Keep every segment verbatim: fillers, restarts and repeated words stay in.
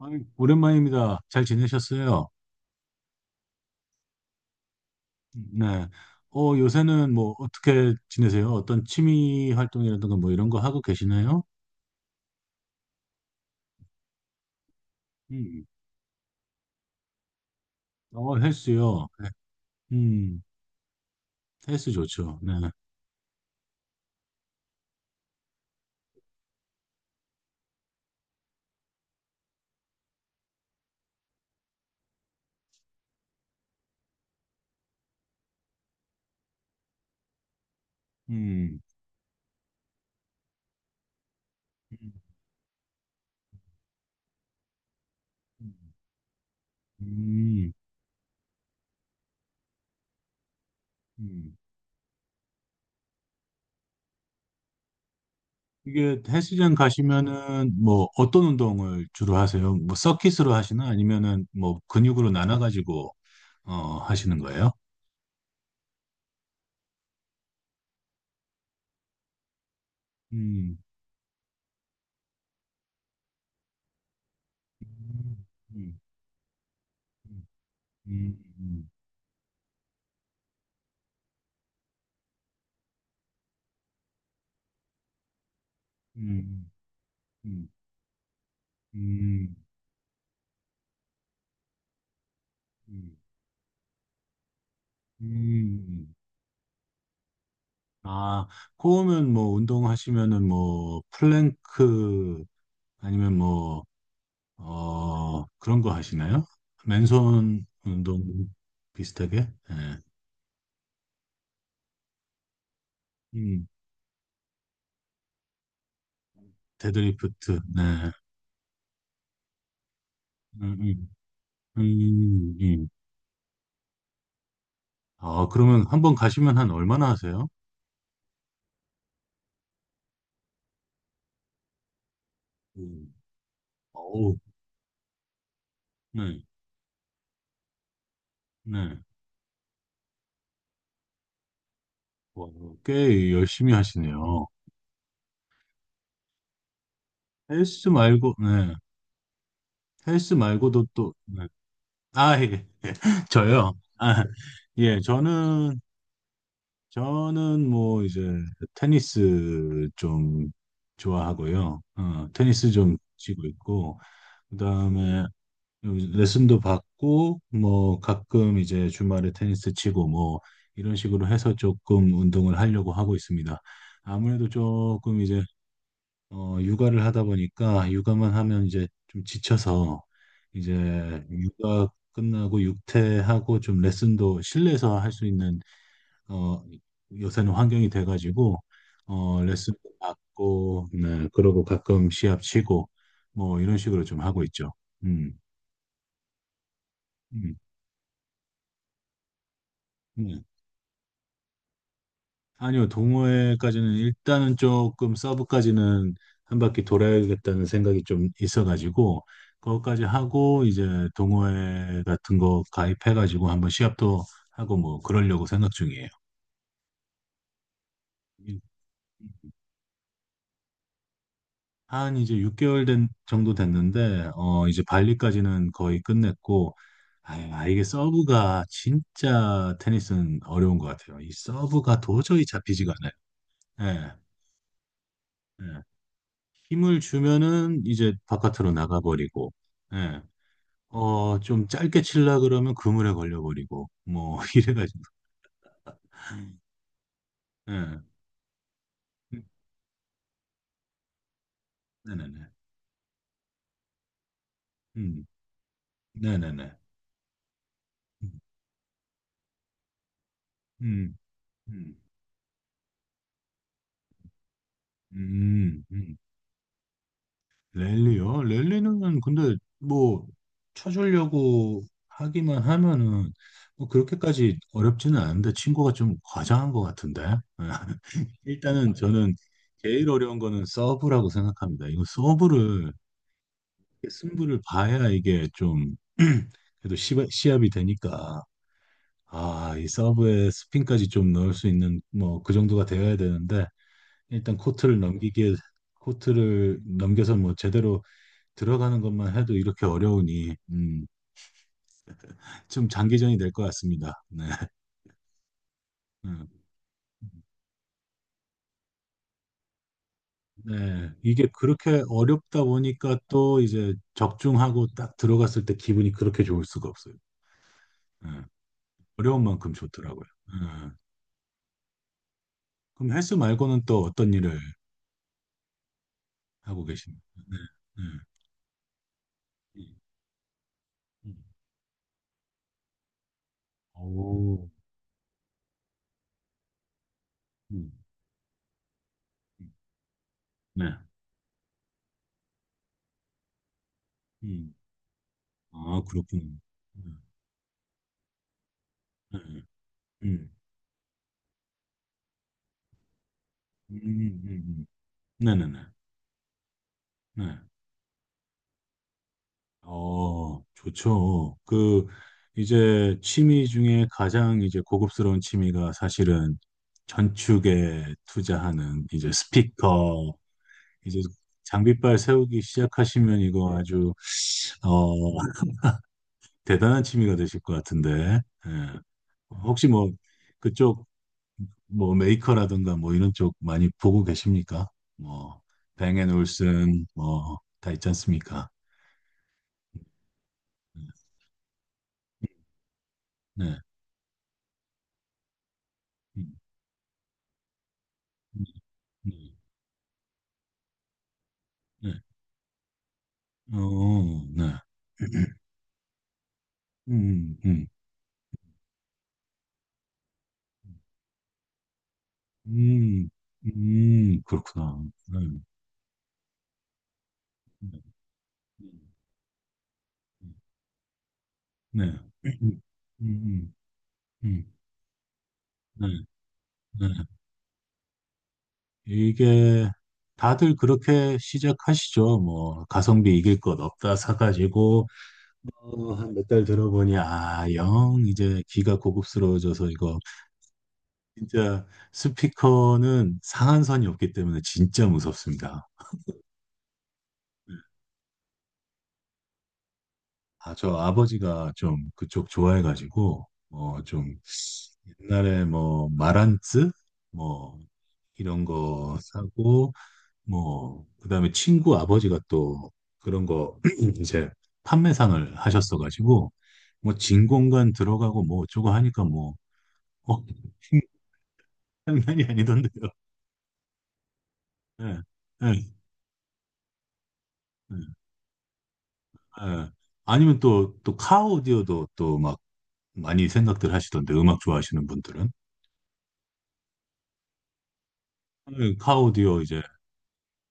아유, 오랜만입니다. 잘 지내셨어요? 네. 어, 요새는 뭐 어떻게 지내세요? 어떤 취미 활동이라든가 뭐 이런 거 하고 계시나요? 음. 어, 헬스요. 네. 음. 헬스 좋죠. 네. 음. 음. 음. 음. 이게 헬스장 가시면은 뭐 어떤 운동을 주로 하세요? 뭐 서킷으로 하시나 아니면은 뭐 근육으로 나눠 가지고 어, 하시는 거예요? 음. 음. 음. 음. 음. 음. 음. 음. 음. 음. 음. 아, 코우면 뭐 운동하시면은 뭐 플랭크 아니면 뭐, 어, 그런 거 하시나요? 맨손 운동 비슷하게? 예. 음. 데드리프트. 네. 음. 음. 음. 음. 아, 그러면 한 번 가시면 한 얼마나 하세요? 음. 어우, 네, 네. 와, 꽤 열심히 하시네요. 헬스 말고, 네. 헬스 말고도 또, 네. 아, 예. 저요. 아, 예, 저는, 저는 뭐 이제 테니스 좀 좋아하고요. 어, 테니스 좀 치고 있고, 그다음에 레슨도 받고, 뭐 가끔 이제 주말에 테니스 치고 뭐 이런 식으로 해서 조금 운동을 하려고 하고 있습니다. 아무래도 조금 이제 어, 육아를 하다 보니까 육아만 하면 이제 좀 지쳐서 이제 육아 끝나고 육퇴하고 좀 레슨도 실내에서 할 수 있는 어, 요새는 환경이 돼가지고 어, 레슨도 받고, 네, 그러고 가끔 시합 치고 뭐 이런 식으로 좀 하고 있죠. 음. 음. 네. 아니요, 동호회까지는 일단은 조금 서브까지는 한 바퀴 돌아야겠다는 생각이 좀 있어가지고 그것까지 하고 이제 동호회 같은 거 가입해가지고 한번 시합도 하고 뭐 그러려고 생각 중이에요. 한 이제 육 개월 된 정도 됐는데 어 이제 발리까지는 거의 끝냈고, 아유, 아 이게 서브가 진짜 테니스는 어려운 것 같아요. 이 서브가 도저히 잡히지가 않아요. 예. 예. 힘을 주면은 이제 바깥으로 나가버리고, 예. 어, 좀 짧게 칠라 그러면 그물에 걸려버리고, 뭐, 이래가지고, 예. 음, 네네네. 음, 네네네. 음. 음. 음. 음. 음. 랠리요? 랠리는 근데 뭐, 쳐주려고 하기만 하면은, 뭐 그렇게까지 어렵지는 않은데, 친구가 좀 과장한 것 같은데. 일단은 저는 제일 어려운 거는 서브라고 생각합니다. 이거 서브를 승부를 봐야 이게 좀 그래도 시바, 시합이 되니까, 아, 이 서브에 스핀까지 좀 넣을 수 있는 뭐 그 정도가 되어야 되는데 일단 코트를 넘기기에, 코트를 넘겨서 뭐 제대로 들어가는 것만 해도 이렇게 어려우니 음, 좀 장기전이 될 것 같습니다. 네. 음. 네. 이게 그렇게 어렵다 보니까 또 이제 적중하고 딱 들어갔을 때 기분이 그렇게 좋을 수가 없어요. 네. 어려운 만큼 좋더라고요. 네. 그럼 헬스 말고는 또 어떤 일을 하고 계십니다. 네, 네. 음. 오, 음. 음. 네. 음. 아, 그렇군요. 네, 네. 음. 음. 음. 음. 네네네. 네. 어, 좋죠. 그, 이제 취미 중에 가장 이제 고급스러운 취미가 사실은 전축에 투자하는 이제 스피커, 이제 장비빨 세우기 시작하시면 이거 아주, 어, 대단한 취미가 되실 것 같은데. 예. 혹시 뭐 그쪽 뭐 메이커라든가 뭐 이런 쪽 많이 보고 계십니까? 뭐 뱅앤올슨 뭐 다 있지 않습니까? 네. 음, 음, 네. 네. 어, 네. 음. 음. 음. 음, 그렇구나. 네. 네. 네. 음. 음. 음. 네. 네. 이게 다들 그렇게 시작하시죠. 뭐 가성비 이길 것 없다 사가지고 어, 한 몇 달 들어보니 아, 영 이제 귀가 고급스러워져서 이거 진짜 스피커는 상한선이 없기 때문에 진짜 무섭습니다. 아, 저 아버지가 좀 그쪽 좋아해가지고 어, 좀 옛날에 뭐 마란츠 뭐 이런 거 사고, 뭐 그다음에 친구 아버지가 또 그런 거 이제 판매상을 하셨어가지고 뭐 진공관 들어가고 뭐 어쩌고 하니까 뭐 어, 장난이 아니던데요. 예, 예, 예. 예. 아니면 또, 또 카오디오도 또 막 많이 생각들 하시던데, 음악 좋아하시는 분들은. 예, 카오디오 이제,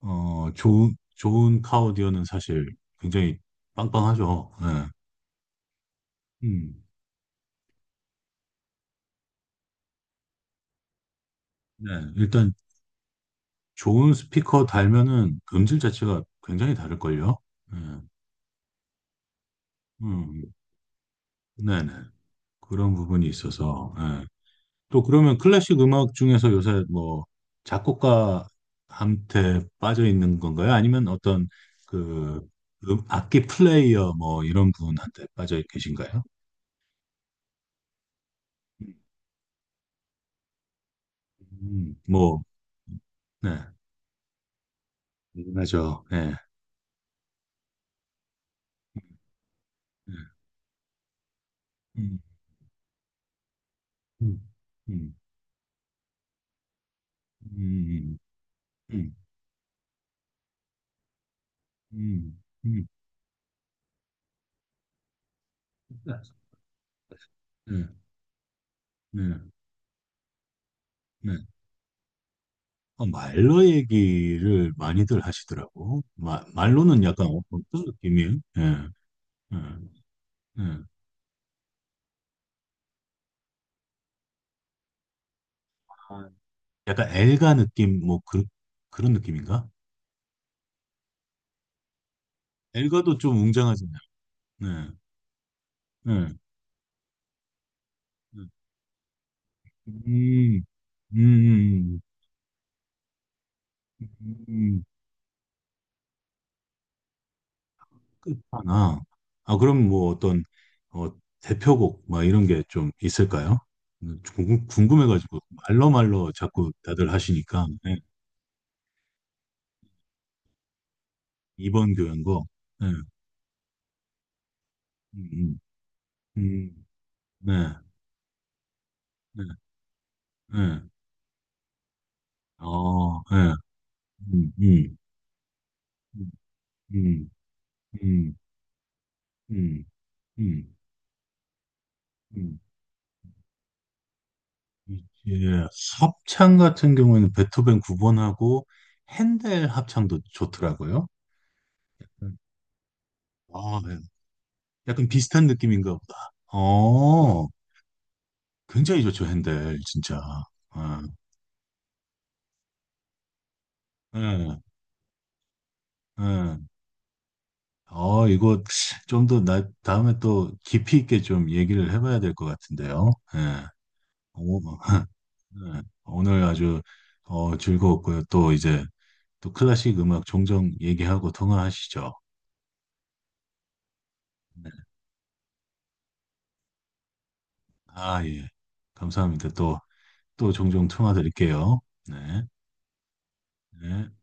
어, 좋은, 좋은 카오디오는 사실 굉장히 빵빵하죠. 예. 음, 네. 일단 좋은 스피커 달면은 음질 자체가 굉장히 다를걸요. 예. 음, 네네. 그런 부분이 있어서, 예. 또 그러면 클래식 음악 중에서 요새 뭐 작곡가한테 빠져 있는 건가요? 아니면 어떤 그 음- 악기 플레이어 뭐 이런 분한테 빠져 계신가요? 음, 뭐, 네, 궁금하죠. 네. 네. 음. 음. 음. 음. 음. 음. 음. 음. 네, 네, 네. 어, 말로 얘기를 많이들 하시더라고. 마, 말로는 약간 어- 어떤 느낌이에요? 예, 예, 예. 약간 엘가 느낌 뭐 그, 그런 느낌인가? 엘가도 좀 웅장하잖아요. 네, 네. 네. 음. 음. 음. 음, 끝판왕. 아, 그럼 뭐 어떤 어, 대표곡 막 이런 게 좀 있을까요? 음, 궁금- 궁금해가지고 말로말로 자꾸 다들 하시니까 네. 이번 교향곡. 네. 음. 음. 음. 네, 네, 네. 어, 네. 음. 음. 음. 음. 음. 음. 음. 음. 이제 합창 같은 경우에는 베토벤 구 번하고 핸델 합창도 좋더라고요. 음. 아, 네. 약간 비슷한 느낌인가 보다. 어, 굉장히 좋죠, 핸델, 진짜. 아, 예, 예. 어, 이거 좀 더 나, 다음에 또 깊이 있게 좀 얘기를 해봐야 될 것 같은데요. 예. 오, 예. 오늘 아주 어, 즐거웠고요. 또 이제 또 클래식 음악 종종 얘기하고 통화하시죠. 네. 아, 예. 감사합니다. 또, 또 종종 통화 드릴게요. 네. 네.